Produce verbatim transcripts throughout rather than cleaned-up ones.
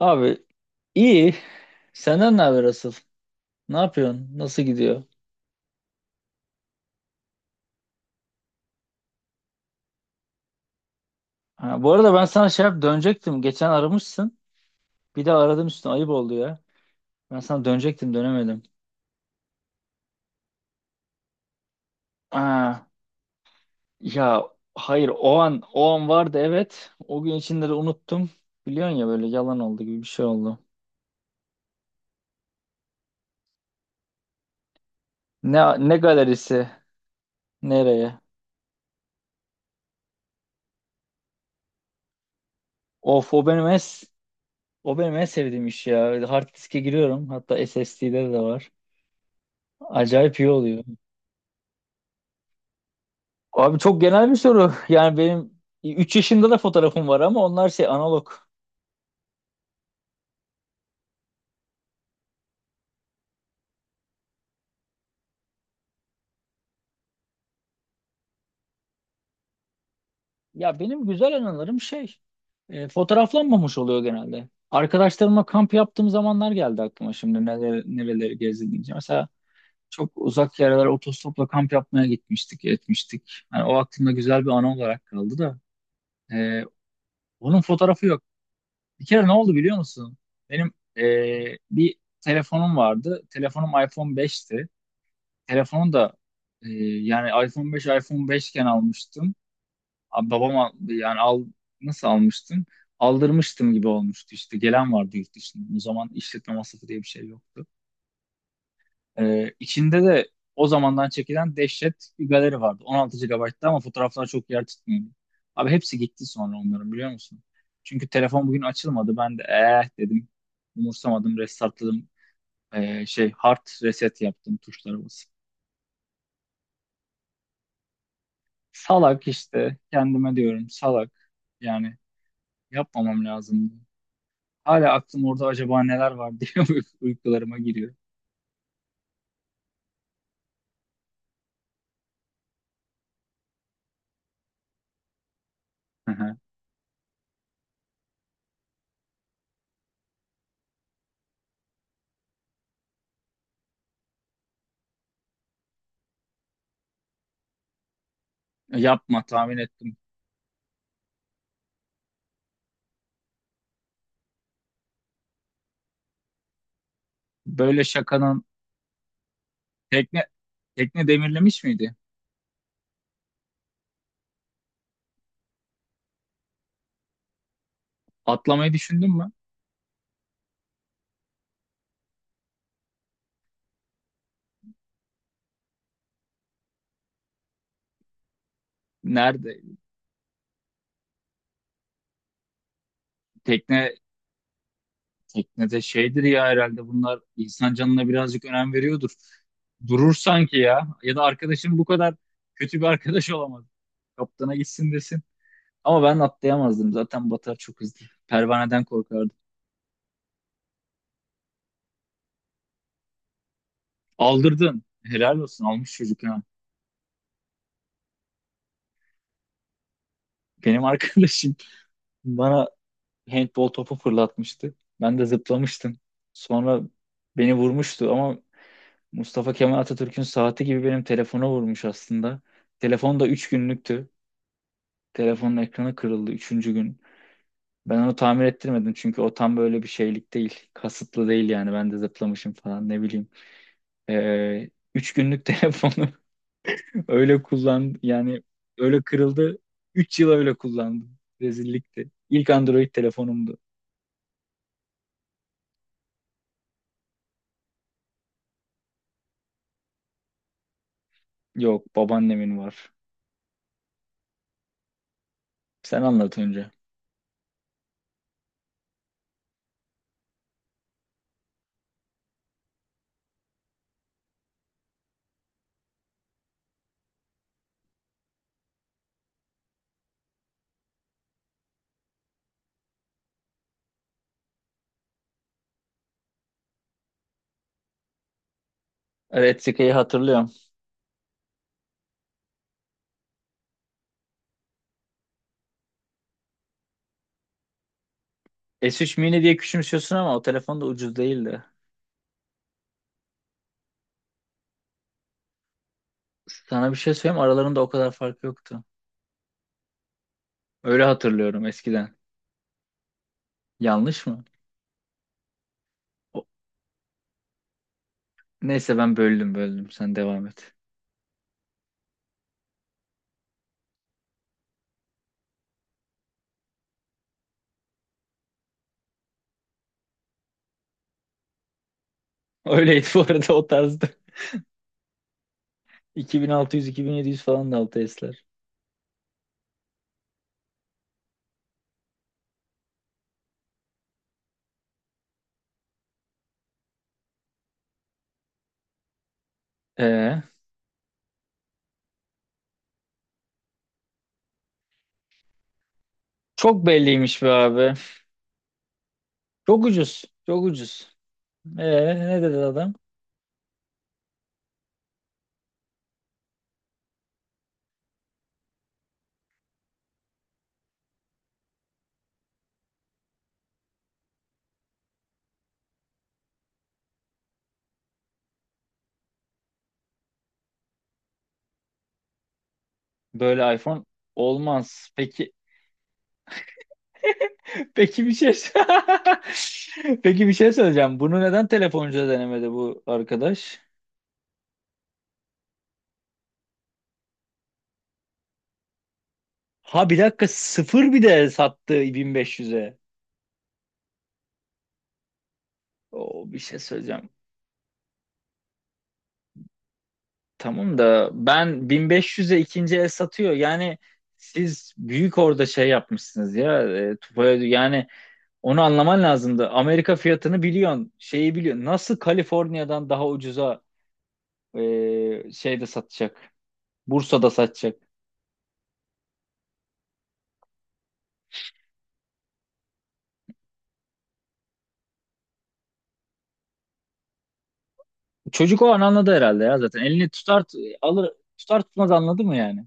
Abi iyi. Senden ne haber asıl? Ne yapıyorsun? Nasıl gidiyor? Ha, bu arada ben sana şey yap dönecektim. Geçen aramışsın. Bir de aradım üstüne, ayıp oldu ya. Ben sana dönecektim, dönemedim. Ha, ya hayır, o an o an vardı, evet. O gün içinde de unuttum. Biliyorsun ya, böyle yalan oldu gibi bir şey oldu. Ne ne galerisi? Nereye? Of, o benim en o benim en sevdiğim iş ya. Hard diske giriyorum. Hatta S S D'de de var. Acayip iyi oluyor. Abi, çok genel bir soru. Yani benim üç yaşında da fotoğrafım var ama onlar şey, analog. Ya benim güzel anılarım şey e, fotoğraflanmamış oluyor genelde. Arkadaşlarımla kamp yaptığım zamanlar geldi aklıma, şimdi neler, nereleri gezdim diyeceğim. Mesela çok uzak yerlere otostopla kamp yapmaya gitmiştik, etmiştik. Yani o aklımda güzel bir anı olarak kaldı da. e, Onun fotoğrafı yok. Bir kere ne oldu biliyor musun? Benim e, bir telefonum vardı. Telefonum iPhone beşti. Telefonu da e, yani, iPhone beş iPhone beş iken almıştım. Abi, babam al- yani al, nasıl almıştım? Aldırmıştım gibi olmuştu işte. Gelen vardı yurt dışından. O zaman işletme masrafı diye bir şey yoktu. E, içinde de o zamandan çekilen dehşet bir galeri vardı. on altı gigabayttı ama fotoğraflar çok yer tutmuyordu. Abi, hepsi gitti sonra onların, biliyor musun? Çünkü telefon bugün açılmadı. Ben de eh dedim. Umursamadım, restartladım. E, şey, hard reset yaptım tuşlara basıp. Salak işte, kendime diyorum salak. Yani yapmamam lazımdı. Hala aklım orada, acaba neler var diye, uy- uykularıma giriyor. Hı hı. Yapma, tahmin ettim. Böyle şakanın... tekne tekne demirlemiş miydi? Atlamayı düşündün mü? Nerede? Tekne Teknede şeydir ya, herhalde bunlar insan canına birazcık önem veriyordur. Durur sanki ya. Ya da arkadaşın bu kadar kötü bir arkadaş olamaz. Kaptana gitsin, desin. Ama ben atlayamazdım. Zaten batar çok hızlı. Pervaneden korkardım. Aldırdın. Helal olsun. Almış çocuk, ha. Benim arkadaşım bana handball topu fırlatmıştı. Ben de zıplamıştım. Sonra beni vurmuştu ama Mustafa Kemal Atatürk'ün saati gibi benim telefona vurmuş aslında. Telefon da üç günlüktü. Telefonun ekranı kırıldı üçüncü gün. Ben onu tamir ettirmedim çünkü o tam böyle bir şeylik değil. Kasıtlı değil yani, ben de zıplamışım falan, ne bileyim. Ee, üç günlük telefonu öyle kullan yani, öyle kırıldı. Üç yıl öyle kullandım. Rezillikti. İlk Android telefonumdu. Yok, babaannemin var. Sen anlat önce. Evet, Retica'yı hatırlıyorum. S üç mini diye küçümsüyorsun ama o telefon da ucuz değildi. Sana bir şey söyleyeyim, aralarında o kadar fark yoktu. Öyle hatırlıyorum eskiden. Yanlış mı? O- Neyse, ben böldüm böldüm, sen devam et. Öyleydi bu arada, o tarzda. iki bin altı yüz iki bin yedi yüz falan da altı S'ler. Ee, çok belliymiş be abi. Çok ucuz. Çok ucuz. Ee, ne dedi adam? Böyle iPhone olmaz. Peki peki bir şey Peki, bir şey söyleyeceğim. Bunu neden telefoncuda denemedi bu arkadaş? Ha, bir dakika, sıfır bir de sattı bin beş yüze. O, bir şey söyleyeceğim. Tamam da ben bin beş yüze ikinci el satıyor. Yani siz büyük orada şey yapmışsınız ya. E, Tufaya- yani, onu anlaman lazımdı. Amerika fiyatını biliyorsun, şeyi biliyorsun. Nasıl Kaliforniya'dan daha ucuza... Ee, şeyde satacak. Bursa'da satacak. Çocuk o an anladı herhalde ya, zaten. Elini tutar, alır, tutar tutmaz anladı mı yani?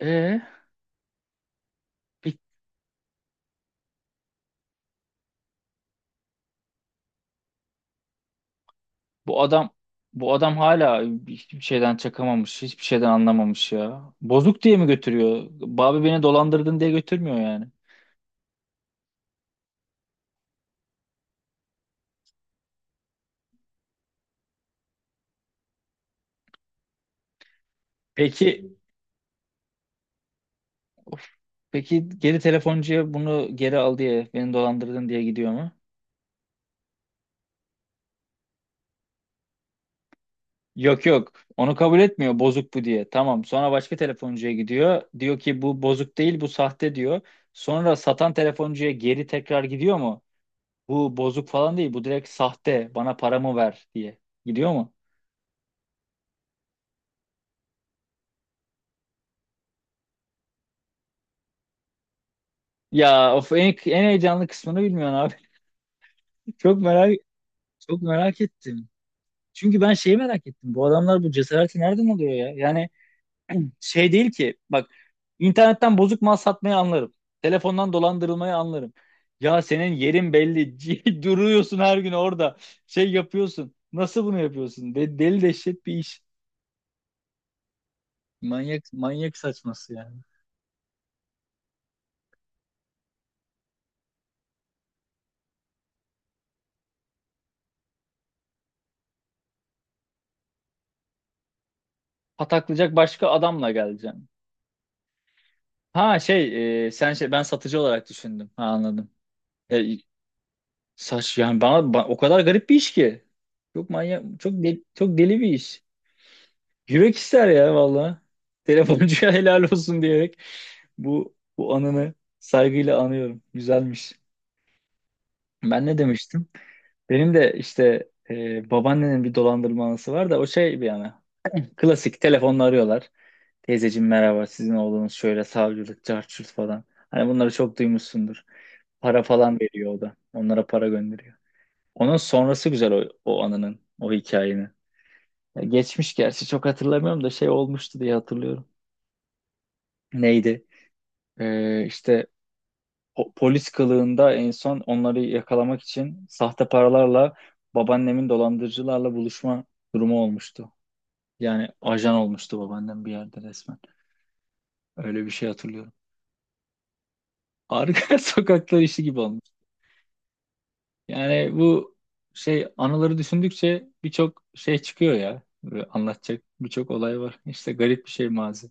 Ee, bir- bu adam bu adam hala hiçbir şeyden çakamamış, hiçbir şeyden anlamamış ya. Bozuk diye mi götürüyor? Babi, beni dolandırdın diye götürmüyor yani. Peki peki geri telefoncuya, bunu geri al diye, beni dolandırdın diye gidiyor mu? Yok yok. Onu kabul etmiyor, bozuk bu diye. Tamam. Sonra başka telefoncuya gidiyor. Diyor ki bu bozuk değil, bu sahte diyor. Sonra satan telefoncuya geri tekrar gidiyor mu? Bu bozuk falan değil, bu direkt sahte. Bana paramı ver diye. Gidiyor mu? Ya of, en, en heyecanlı kısmını bilmiyorsun abi. Çok merak çok merak ettim. Çünkü ben şeyi merak ettim. Bu adamlar bu cesareti nereden alıyor ya? Yani, şey değil ki bak, internetten bozuk mal satmayı anlarım. Telefondan dolandırılmayı anlarım. Ya senin yerin belli. Duruyorsun her gün orada. Şey yapıyorsun. Nasıl bunu yapıyorsun? De deli dehşet bir iş. Manyak, manyak saçması yani. Pataklayacak, başka adamla geleceğim. Ha, şey e, sen şey ben satıcı olarak düşündüm. Ha, anladım. E, Saç yani bana, ba- o kadar garip bir iş ki. Çok manyak, çok deli, çok deli bir iş. Yürek ister ya valla. Telefoncuya helal olsun diyerek bu bu anını saygıyla anıyorum. Güzelmiş. Ben ne demiştim? Benim de işte e, babaannenin bir dolandırma anısı var da, o şey bir yana. Klasik, telefonla arıyorlar. Teyzeciğim merhaba, sizin oğlunuz şöyle, savcılık, cart curt falan. Hani bunları çok duymuşsundur. Para falan veriyor o da. Onlara para gönderiyor. Onun sonrası güzel, o, o anının, o hikayenin. Ya geçmiş, gerçi çok hatırlamıyorum da şey olmuştu diye hatırlıyorum. Neydi? Ee, işte o- polis kılığında en son onları yakalamak için sahte paralarla babaannemin dolandırıcılarla buluşma durumu olmuştu. Yani ajan olmuştu babaannem bir yerde resmen. Öyle bir şey hatırlıyorum. Arka sokaklar işi gibi olmuş. Yani bu şey, anıları düşündükçe birçok şey çıkıyor ya. Böyle anlatacak birçok olay var. İşte garip bir şey, mazi.